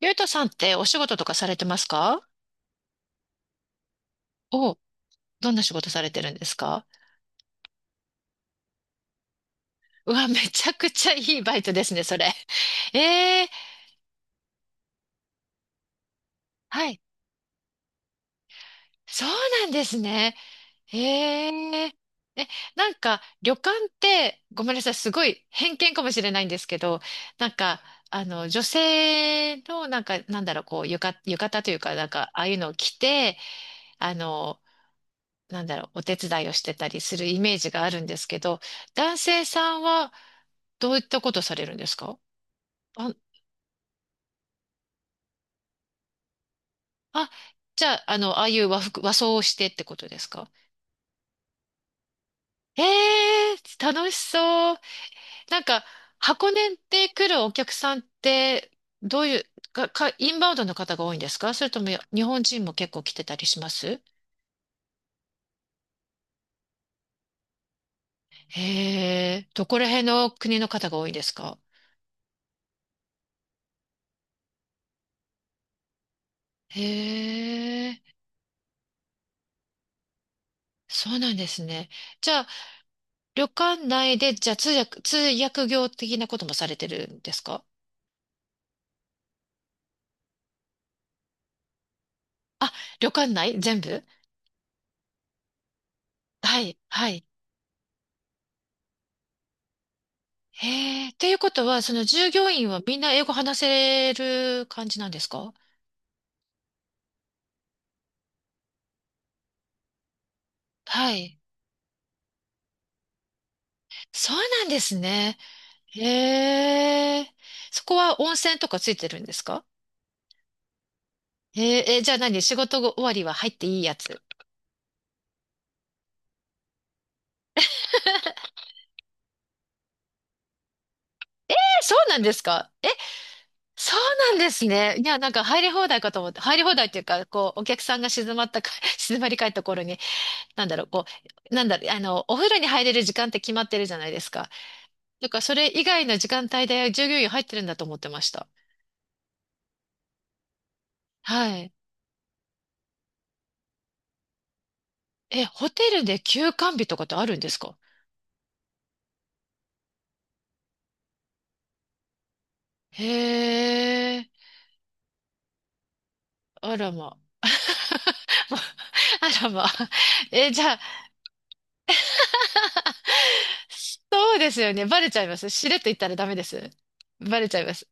ゆうとさんってお仕事とかされてますか？お、どんな仕事されてるんですか？うわ、めちゃくちゃいいバイトですね、それ。ええ。はい。そうなんですね。え。ええ、なんか、旅館って、ごめんなさい、すごい偏見かもしれないんですけど、なんか、女性の、なんか、なんだろう、こう、浴衣というか、なんか、ああいうのを着て、あの、なんだろう、お手伝いをしてたりするイメージがあるんですけど、男性さんは、どういったことされるんですか？あ、あ、じゃあ、ああいう和服、和装をしてってことですか？ええー楽しそう。なんか、箱根って来るお客さんって、どういう、インバウンドの方が多いんですか？それとも日本人も結構来てたりします？へえ、どこら辺の国の方が多いんですか？へえ、そうなんですね。じゃあ、旅館内で、じゃあ通訳業的なこともされてるんですか？あ、旅館内全部。はい、はい。へえ、っていうことは、その従業員はみんな英語話せる感じなんですか？はい。そうなんですね。へえ、そこは温泉とかついてるんですか？へえ、え、じゃあ何、仕事終わりは入っていいやつ。そうなんですか？え、そうなんですね。いや、なんか入り放題かと思って、入り放題っていうか、こう、お客さんが静まったか、静まり返った頃に、なんだろう、こう、なんだろう、お風呂に入れる時間って決まってるじゃないですか。だからそれ以外の時間帯で従業員入ってるんだと思ってました。はい。え、ホテルで休館日とかってあるんですか？へえ、あらま。あらま。え、じゃあ、そうですよね。バレちゃいます。しれっと言ったらダメです。バレちゃいます。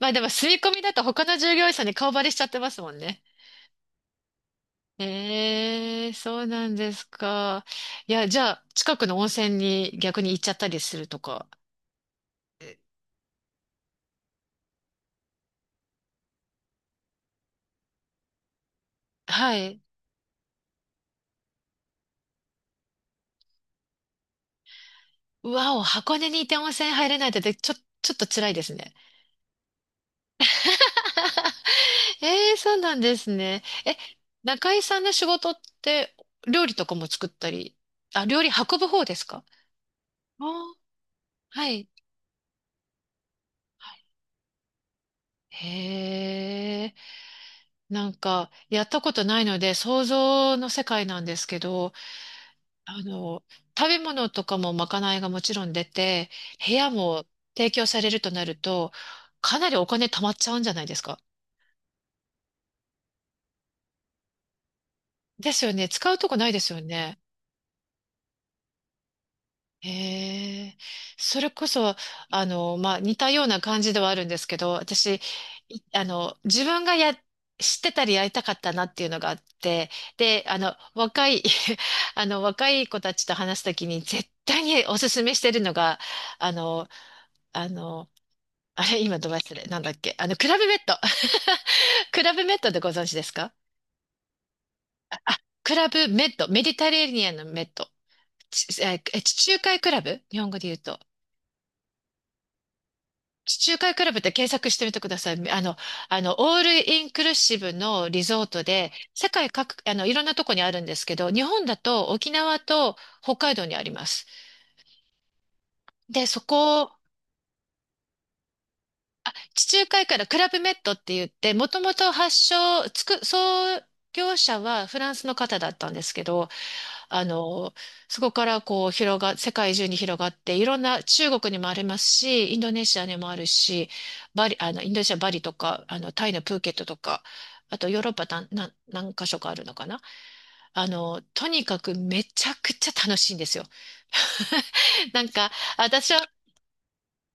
まあでも、住み込みだと他の従業員さんに顔バレしちゃってますもんね。ええ、そうなんですか。いや、じゃあ、近くの温泉に逆に行っちゃったりするとか。はい。うわお、箱根にいて温泉入れないってちょっと辛いですね。ええ、そうなんですね。え、中井さんの仕事って料理とかも作ったり、あ、料理運ぶ方ですか？あー、はい。へえ、なんか、やったことないので、想像の世界なんですけど、あの、食べ物とかもまかないがもちろん出て、部屋も提供されるとなると、かなりお金貯まっちゃうんじゃないですか？ですよね。使うとこないですよね。へえ。それこそ、まあ、似たような感じではあるんですけど、私、自分がや、知ってたりやりたかったなっていうのがあって、で、若い、若い子たちと話すときに絶対におすすめしてるのが、あの、あの、あれ、今ど忘れ、なんだっけ、クラブメッド。クラブメッドでご存知ですか？クラブメッド、メディタレーニアンのメッド。ちえーえ地中海クラブ、日本語で言うと。地中海クラブって検索してみてください。オールインクルーシブのリゾートで、世界各、いろんなとこにあるんですけど、日本だと沖縄と北海道にあります。で、そこ地中海からクラブメットって言って、もともと発祥、創業者はフランスの方だったんですけど、あの、そこからこう世界中に広がって、いろんな中国にもありますし、インドネシアにもあるし、バリ、インドネシアバリとか、タイのプーケットとか、あとヨーロッパ何、なん何箇所かあるのかな。とにかくめちゃくちゃ楽しいんですよ。なんか、私は、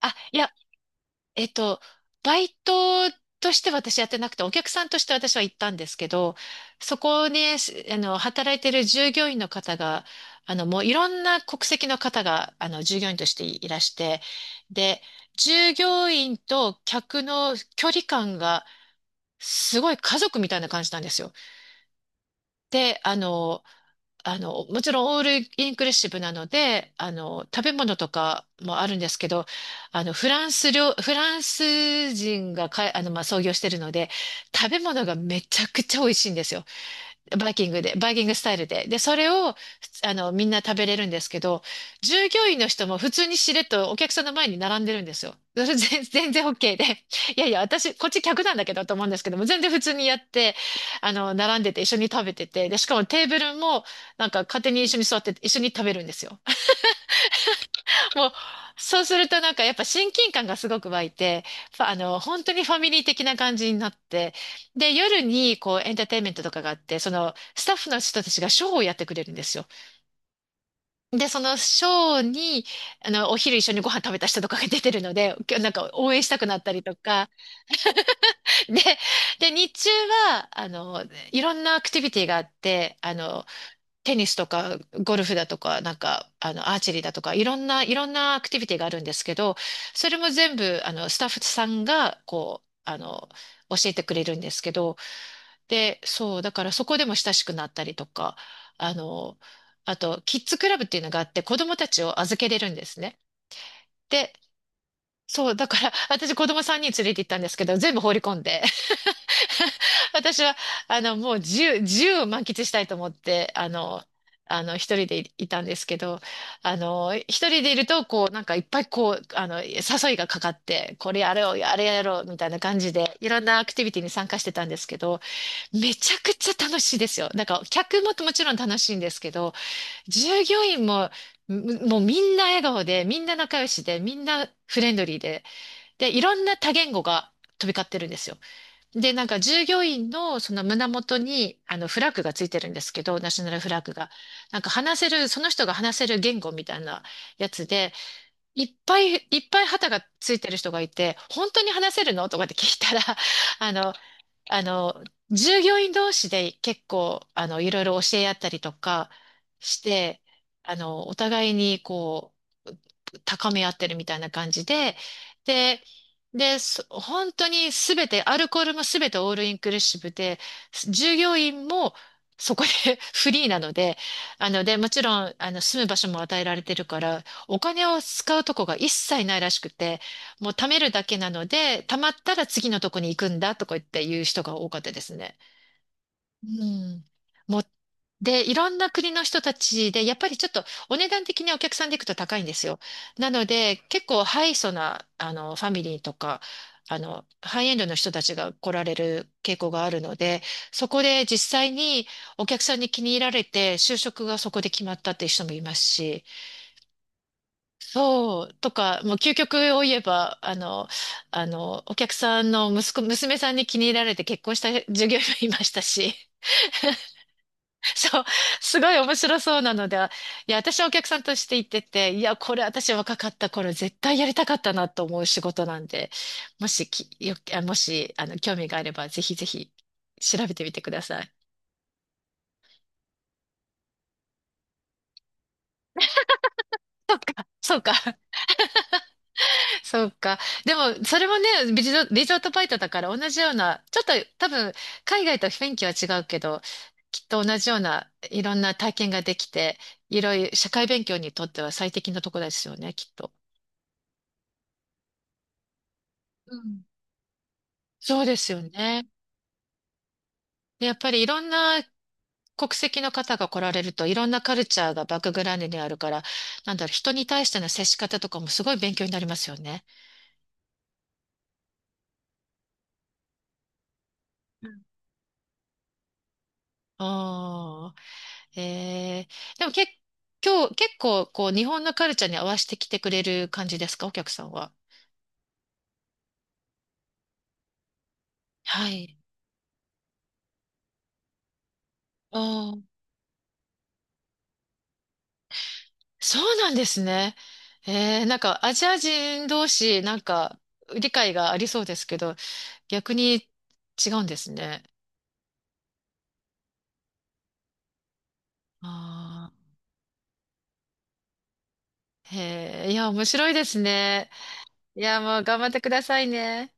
あ、いや、えっと、バイトとして私やってなくて、お客さんとして私は行ったんですけど、そこね、働いてる従業員の方が、もういろんな国籍の方が、従業員としていらして、で、従業員と客の距離感がすごい家族みたいな感じなんですよ。で、もちろんオールインクルーシブなので、食べ物とかもあるんですけど、フランス人がまあ、創業してるので、食べ物がめちゃくちゃ美味しいんですよ。バイキングで、バイキングスタイルで。で、それを、みんな食べれるんですけど、従業員の人も普通にしれっとお客さんの前に並んでるんですよ。それ全然 OK で。いやいや、私、こっち客なんだけどと思うんですけども、全然普通にやって、並んでて一緒に食べてて、で、しかもテーブルも、なんか勝手に一緒に座ってて一緒に食べるんですよ。そう。そうするとなんかやっぱ親近感がすごく湧いて、本当にファミリー的な感じになって、で、夜にこうエンターテインメントとかがあって、そのスタッフの人たちがショーをやってくれるんですよ。で、そのショーに、お昼一緒にご飯食べた人とかが出てるので、なんか応援したくなったりとか、で、で、日中は、いろんなアクティビティがあって、テニスとかゴルフだとか、なんか、アーチェリーだとか、いろんなアクティビティがあるんですけど、それも全部、スタッフさんが、こう、教えてくれるんですけど、で、そう、だからそこでも親しくなったりとか、あの、あと、キッズクラブっていうのがあって、子供たちを預けれるんですね。で、そう、だから、私子供3人連れて行ったんですけど、全部放り込んで、私は、もう自由を満喫したいと思って、一人でいたんですけど、一人でいると、こう、なんかいっぱいこう、誘いがかかって、これやろう、あれやろう、みたいな感じで、いろんなアクティビティに参加してたんですけど、めちゃくちゃ楽しいですよ。なんか、客ももちろん楽しいんですけど、従業員も、もうみんな笑顔で、みんな仲良しで、みんなフレンドリーで、で、いろんな多言語が飛び交ってるんですよ。で、なんか従業員のその胸元にあのフラッグがついてるんですけど、ナショナルフラッグが。なんか話せる、その人が話せる言語みたいなやつで、いっぱいいっぱい旗がついてる人がいて、本当に話せるのとかって聞いたら、あの、あの、従業員同士で結構、いろいろ教え合ったりとかして、お互いにこう、高め合ってるみたいな感じで、で、で、本当にすべて、アルコールもすべてオールインクルーシブで、従業員もそこで フリーなので、で、もちろん、住む場所も与えられてるから、お金を使うとこが一切ないらしくて、もう貯めるだけなので、貯まったら次のとこに行くんだとか言って言う人が多かったですね。うん。もう、で、いろんな国の人たちで、やっぱりちょっとお値段的にお客さんで行くと高いんですよ。なので、結構ハイソな、ファミリーとか、ハイエンドの人たちが来られる傾向があるので、そこで実際にお客さんに気に入られて、就職がそこで決まったっていう人もいますし、そう、とか、もう究極を言えば、お客さんの息子、娘さんに気に入られて結婚した従業員もいましたし、そう、すごい面白そうなので、いや、私はお客さんとして行ってて、いや、これ私若かった頃絶対やりたかったなと思う仕事なんで、もし、興味があれば、ぜひぜひ調べてみてください。そうか。そうか。でも、それもね、リゾートバイトだから同じような、ちょっと多分、海外と雰囲気は違うけど、きっと同じようないろんな体験ができて、いろいろ社会勉強にとっては最適なとこですよね、きっと。うん。そうですよね。でやっぱりいろんな国籍の方が来られると、いろんなカルチャーがバックグラウンドにあるから、なんだろう、人に対しての接し方とかもすごい勉強になりますよね。ああ。えでも今日、結構、こう、日本のカルチャーに合わせてきてくれる感じですか、お客さんは。はい。ああ、そうなんですね。なんか、アジア人同士、なんか、理解がありそうですけど、逆に違うんですね。ああ、へえ、いや、面白いですね。いや、もう頑張ってくださいね。